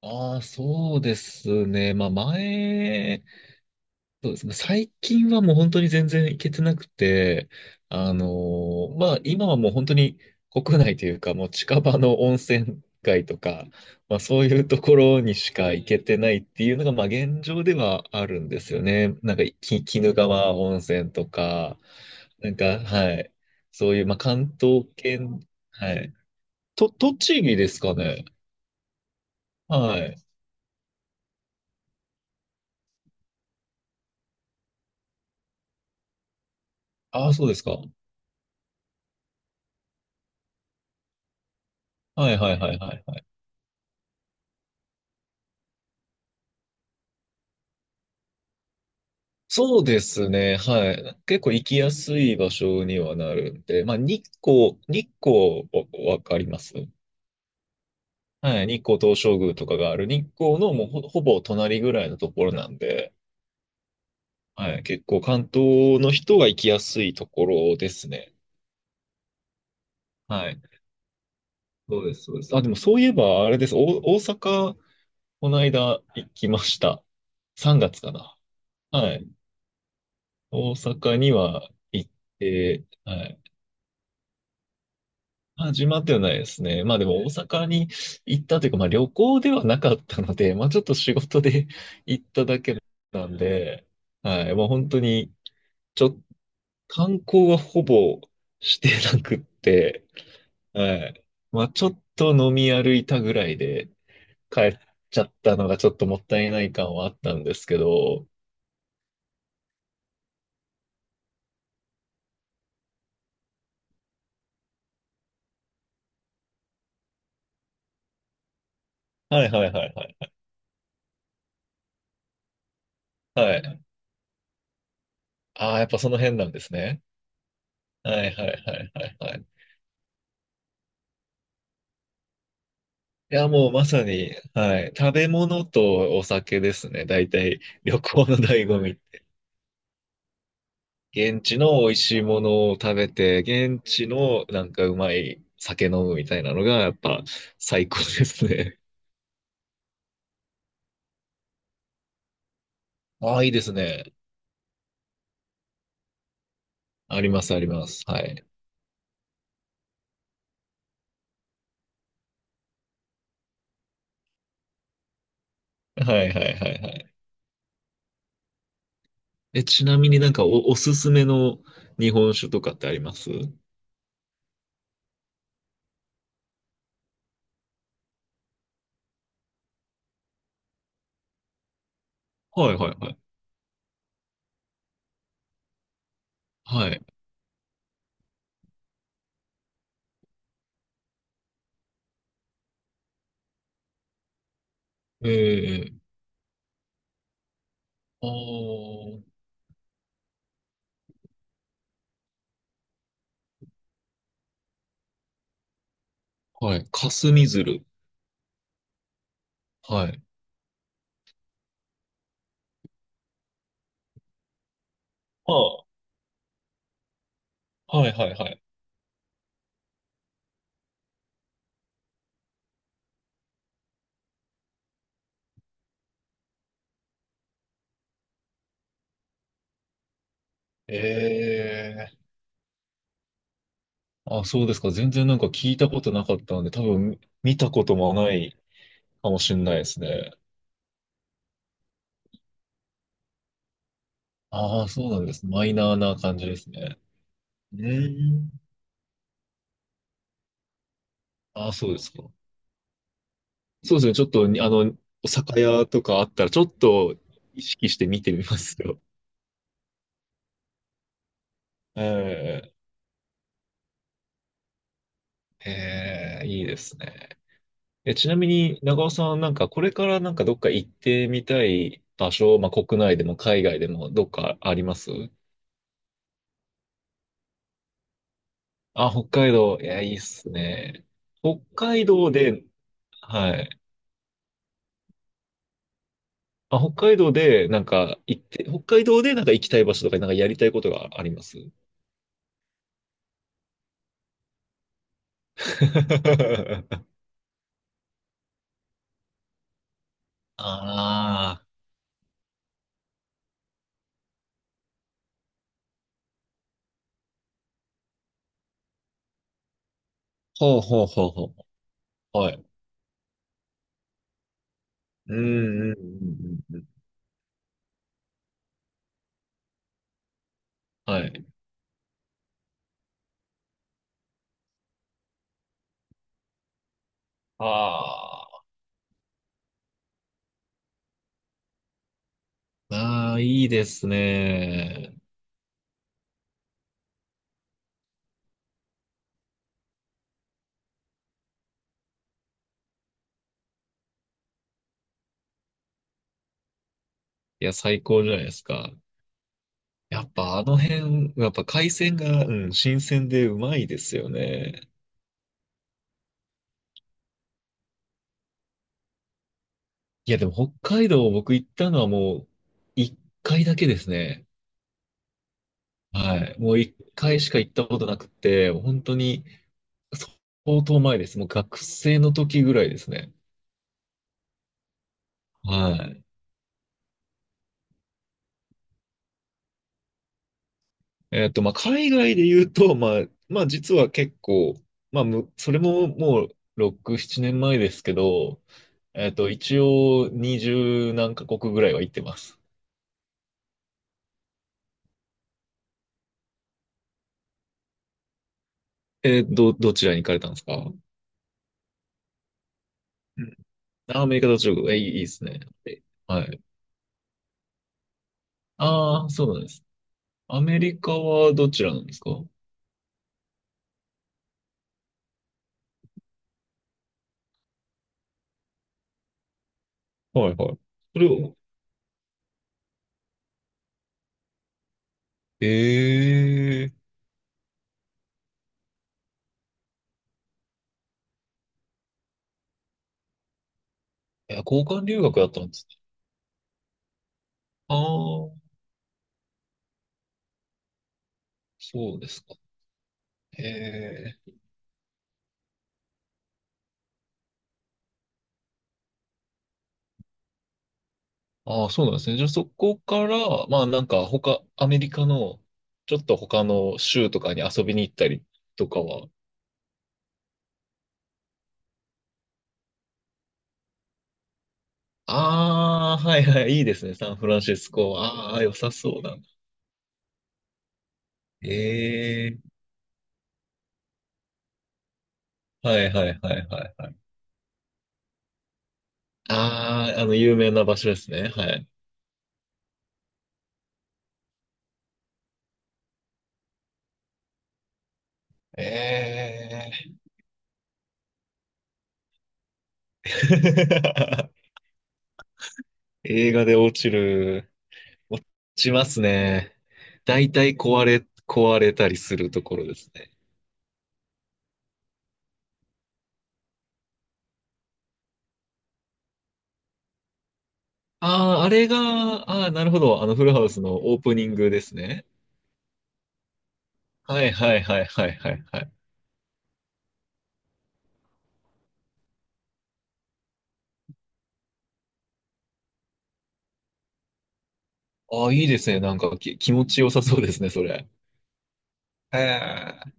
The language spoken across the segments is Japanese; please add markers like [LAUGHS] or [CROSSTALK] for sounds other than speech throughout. ああ、そうですね。まあ前、そうですね。最近はもう本当に全然行けてなくて、まあ今はもう本当に国内というか、もう近場の温泉街とか、まあそういうところにしか行けてないっていうのが、まあ現状ではあるんですよね。なんか、鬼怒川温泉とか、なんか、はい。そういう、まあ関東圏、はい。と、栃木ですかね。はい。ああ、そうですか。はいはいはいはいはい。そうですね。はい。結構行きやすい場所にはなるんで、まあ、日光わかりますはい。日光東照宮とかがある日光のもうほぼ隣ぐらいのところなんで、はい。結構関東の人が行きやすいところですね。はい。そうです、そうです。あ、でもそういえば、あれです。大阪、この間行きました。3月かな。はい。大阪には行って、はい。始まってはないですね。まあでも大阪に行ったというか、まあ旅行ではなかったので、まあちょっと仕事で [LAUGHS] 行っただけなんで、はい、もう本当に、ちょ、観光はほぼしてなくって、はい。まあちょっと飲み歩いたぐらいで帰っちゃったのがちょっともったいない感はあったんですけど、はいはいはいはい。はい。ああ、やっぱその辺なんですね。はいはいはいはいはい。いや、もうまさに、はい。食べ物とお酒ですね。大体、旅行の醍醐味。現地の美味しいものを食べて、現地のなんかうまい酒飲むみたいなのが、やっぱ最高ですね。ああ、いいですね。あります、あります。はい。はい、はい、はい、はい。え、ちなみになんかおすすめの日本酒とかってあります。はい、はい、はい。はい。ええああー、はい。霞鶴。はい。ああ、はい、はい、はい。ええあ、そうですか。全然なんか聞いたことなかったので、多分見たこともないかもしれないですね。ああ、そうなんです。マイナーな感じですね。うーん。ああ、そうですか。そうですね。ちょっとに、あの、お酒屋とかあったら、ちょっと意識して見てみますよ。ええ、ええ、いいですね。え、ちなみに、長尾さん、なんかこれからなんかどっか行ってみたい場所、まあ、国内でも海外でもどっかあります。あ、北海道、いや、いいっすね。北海道で、はい。あ、北海道で、なんか、行って、北海道で、なんか行きたい場所とか、なんかやりたいことがあります。 [LAUGHS] ああ、ほうほうほうほう。はい。うんうんうんうんうん。はい。あーあー、いいですね。いや、最高じゃないですか。やっぱあの辺、やっぱ海鮮が、うん、新鮮でうまいですよね。いや、でも北海道僕行ったのはもう一回だけですね。はい。もう一回しか行ったことなくて、本当に相当前です。もう学生の時ぐらいですね。はい。えっと、まあ、海外で言うと、まあ、まあ、実は結構、まあ、それももう6、7年前ですけど、えっと、一応20何カ国ぐらいは行ってます。えー、どちらに行かれたんですか。うん。あアメリカと中国、え、いいですね。えはい。ああ、そうなんです。アメリカはどちらなんですか。はいはい。それを、ええいや、交換留学だったんですね。ああ、そうですか。ええああ、そうなんですね。じゃあそこから、まあなんか他、アメリカの、ちょっと他の州とかに遊びに行ったりとかは。ああ、はいはい、いいですね。サンフランシスコ。ああ、良さそうだな。ええはいはいはいはいはい。ああ、あの、有名な場所ですね。はい。ええ [LAUGHS] 映画で落ちる。落ちますね。大体壊れたりするところですね。ああ、あれが、ああ、なるほど。あの、フルハウスのオープニングですね。はいはいはいはいはいはい。ああ、いいですね。なんか気持ちよさそうですね、それ。へえ。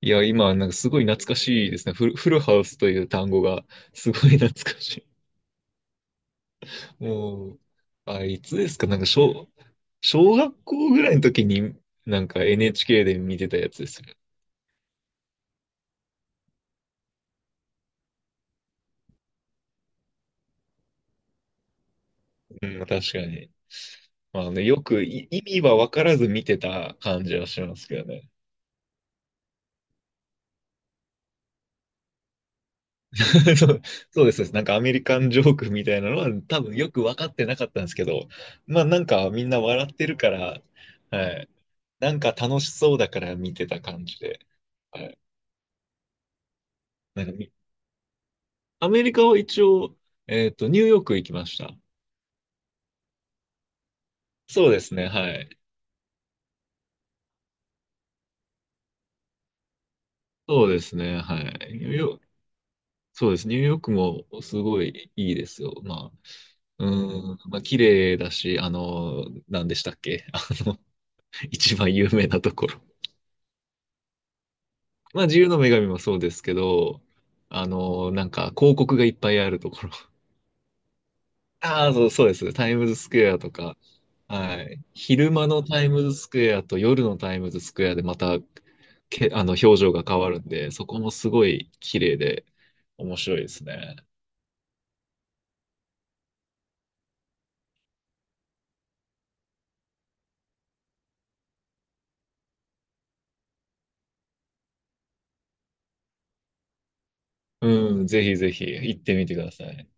いや、今、なんかすごい懐かしいですね。フルハウスという単語が、すごい懐かしい。もう、あ、いつですかなんか、小学校ぐらいの時に、なんか NHK で見てたやつですよ。うん、確かに。まあね、よく意味は分からず見てた感じはしますけどね。[LAUGHS] そうそうです。なんかアメリカンジョークみたいなのは多分よく分かってなかったんですけど、まあなんかみんな笑ってるから、はい。なんか楽しそうだから見てた感じで。はい。なんかアメリカは一応、えっと、ニューヨーク行きました。そうですね、はい。そうですね、はい。ニューヨーク、そうです。ニューヨークもすごいいいですよ。まあ、うん、まあ、綺麗だし、あの、何でしたっけ [LAUGHS] あの、一番有名なところ。まあ、自由の女神もそうですけど、あの、なんか広告がいっぱいあるところ。[LAUGHS] ああ、そう、そうです。タイムズスクエアとか。はい。昼間のタイムズスクエアと夜のタイムズスクエアでまた、あの、表情が変わるんで、そこもすごい綺麗で面白いですね。うん、ぜひぜひ行ってみてください。